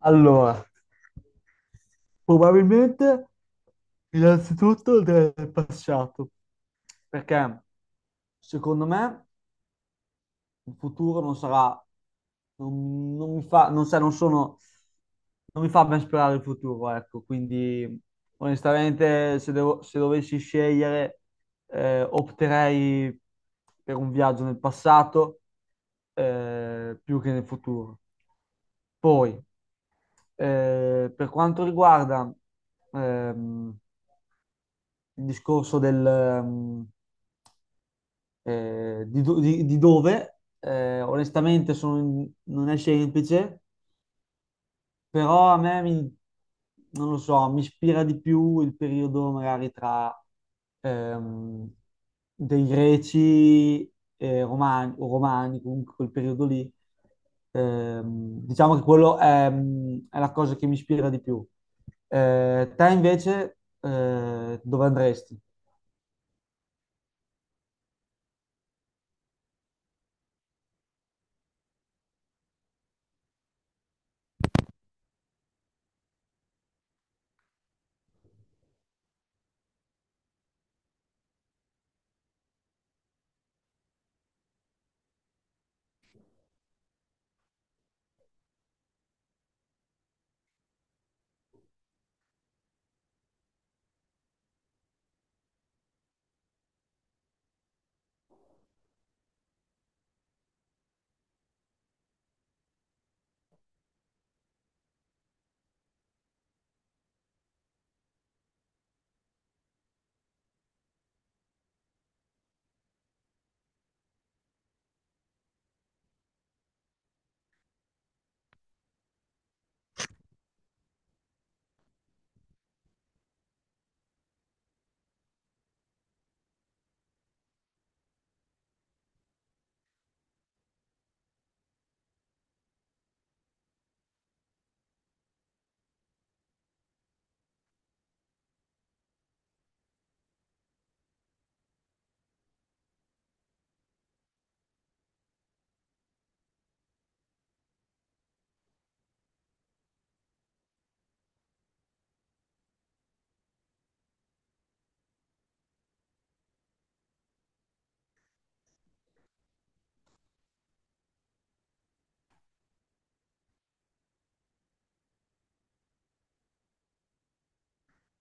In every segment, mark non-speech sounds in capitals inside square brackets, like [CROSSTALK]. Allora, probabilmente innanzitutto del passato, perché secondo me il futuro non sarà, non, non mi fa, non, sa- non sono, non mi fa ben sperare il futuro, ecco, quindi onestamente se dovessi scegliere opterei per un viaggio nel passato, più che nel futuro. Poi, per quanto riguarda ehm, il discorso del, di, do- di dove, onestamente non è semplice. Però non lo so, mi ispira di più il periodo magari tra ehm, dei greci e romani, o romani, comunque quel periodo lì. Diciamo che quello è, è la cosa che mi ispira di più. Te invece, dove andresti?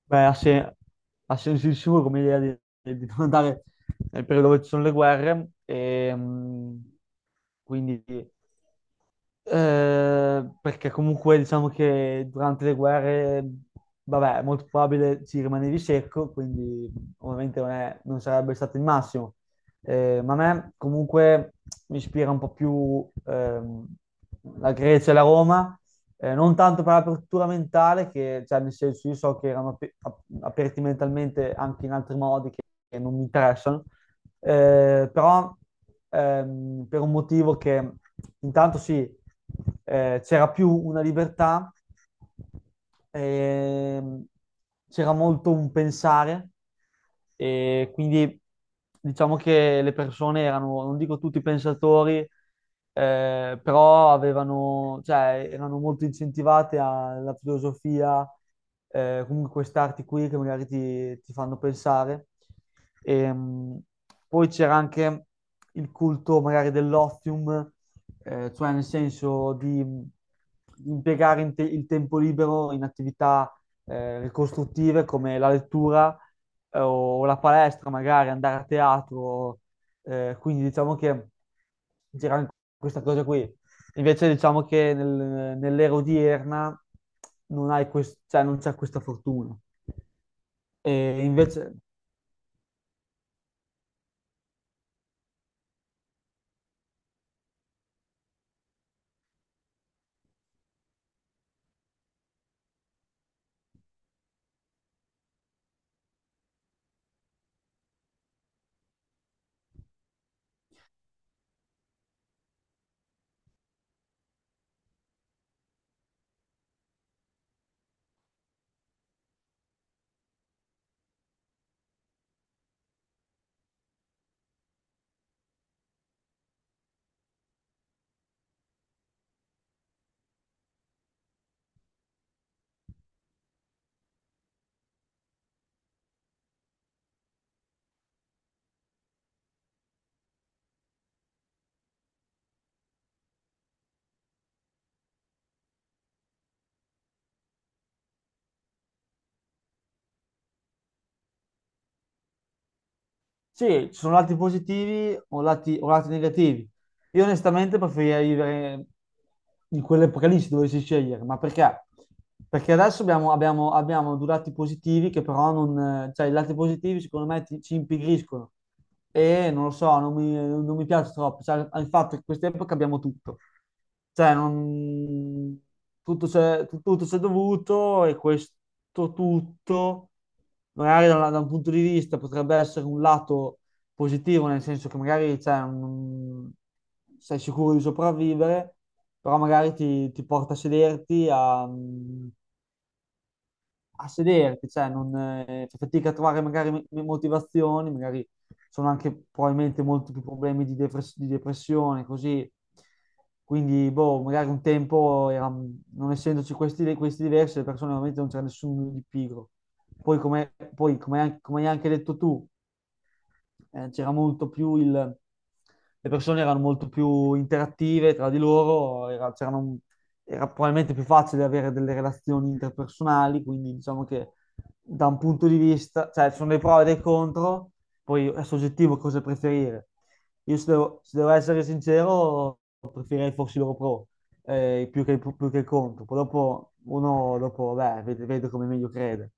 Beh, ha, se- Ha senso di sicuro come idea di non andare nel periodo dove ci sono le guerre, quindi. Perché comunque diciamo che durante le guerre, vabbè, è molto probabile ci rimanevi secco, quindi ovviamente non sarebbe stato il massimo. Ma a me comunque mi ispira un po' più la Grecia e la Roma, non tanto per l'apertura mentale, che cioè, nel senso io so che erano aperti mentalmente anche in altri modi che non mi interessano, però per un motivo che intanto sì, c'era più una libertà, ehm, c'era molto un pensare e quindi diciamo che le persone erano, non dico tutti pensatori, però avevano, cioè, erano molto incentivate alla filosofia, comunque queste arti qui che magari ti fanno pensare. Ehm, Poi c'era anche il culto magari dell'ozium, cioè nel senso di il tempo libero in attività ricostruttive come la lettura, o la palestra, magari andare a teatro. Quindi diciamo che c'era anche questa cosa qui. Invece diciamo che nell'era odierna non hai quest- cioè, non c'è questa fortuna. E invece sì, ci sono lati positivi o lati negativi. Io onestamente preferirei vivere in quell'epoca lì se dovessi scegliere, ma perché? Perché adesso abbiamo due lati positivi che però non... cioè i lati positivi secondo me ci impigriscono e non lo so, non mi piace troppo, cioè il fatto che in quest'epoca abbiamo tutto, cioè non... tutto c'è, tutto c'è dovuto e questo tutto magari da un punto di vista potrebbe essere un lato positivo, nel senso che magari cioè, non- sei sicuro di sopravvivere, però magari ti porta a sederti, a sederti, cioè non, fai fatica a trovare magari motivazioni, magari sono anche probabilmente molti più problemi di, depressione, così. Quindi, boh, magari un tempo, non essendoci questi, questi diversi, le persone veramente non c'era nessuno di pigro. Come hai anche detto tu, c'era molto più il... le persone erano molto più interattive tra di loro, era probabilmente più facile avere delle relazioni interpersonali, quindi diciamo che da un punto di vista, cioè ci sono dei pro e dei contro, poi è soggettivo cosa preferire. Io se devo essere sincero, preferirei fossi loro pro, più più che contro. Poi dopo uno dopo, beh, vede come meglio crede.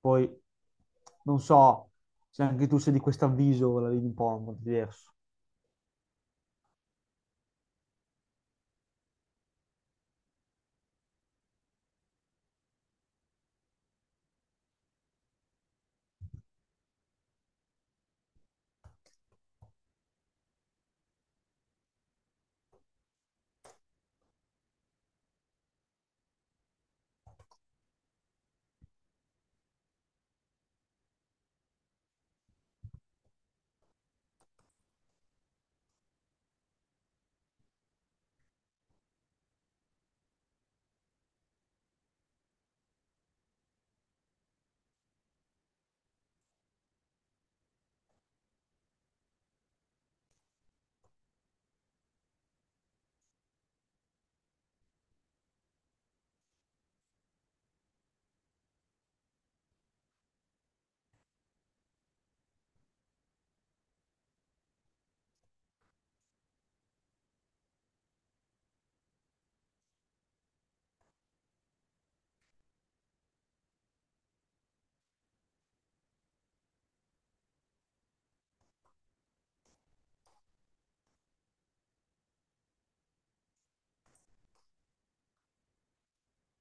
Poi non so se anche tu sei di questo avviso, la vedi un po' in modo diverso.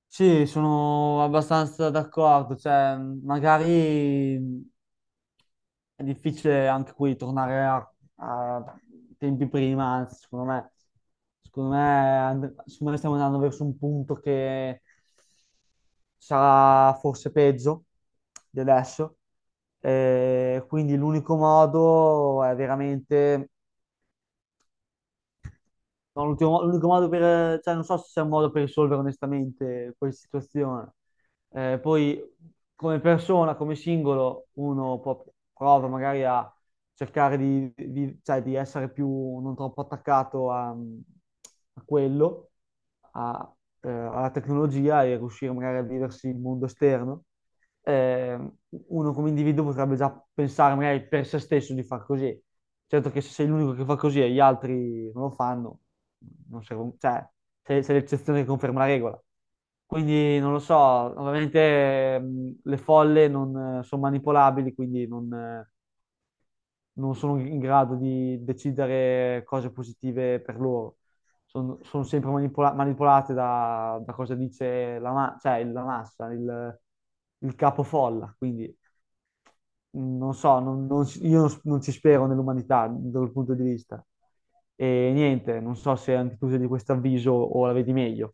Sì, sono abbastanza d'accordo, cioè magari è difficile anche qui tornare a tempi prima, anzi, secondo me stiamo andando verso un punto che sarà forse peggio di adesso. Quindi l'unico modo è veramente, no, l'unico modo per, cioè non so se c'è un modo per risolvere onestamente questa situazione. Poi come persona, come singolo, prova magari a cercare cioè, di essere più non troppo attaccato a, a quello, a- alla tecnologia e riuscire magari a viversi il mondo esterno, eh, uno come individuo potrebbe già pensare magari per se stesso di far così. Certo che se sei l'unico che fa così e gli altri non lo fanno, non serve, cioè, sei l'eccezione che conferma la regola. Quindi non lo so, ovviamente le folle non sono manipolabili, quindi non, non sono in grado di decidere cose positive per loro. Sono sempre manipolate da, da cosa dice cioè, la massa, il capofolla. Quindi non so, io non ci spero nell'umanità da quel punto di vista. E niente, non so se anche tu sei di questo avviso o la vedi meglio.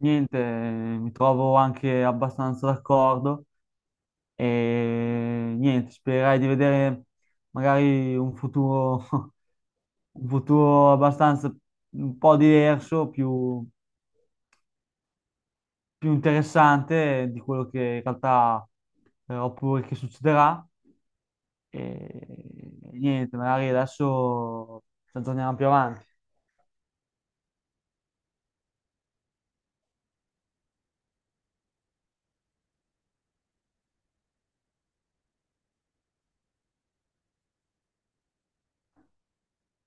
Niente, mi trovo anche abbastanza d'accordo e niente, spererei di vedere magari un futuro, [LAUGHS] un futuro abbastanza un po' diverso, più, più interessante di quello che in realtà oppure che succederà. E niente, magari adesso ci aggiorniamo più avanti.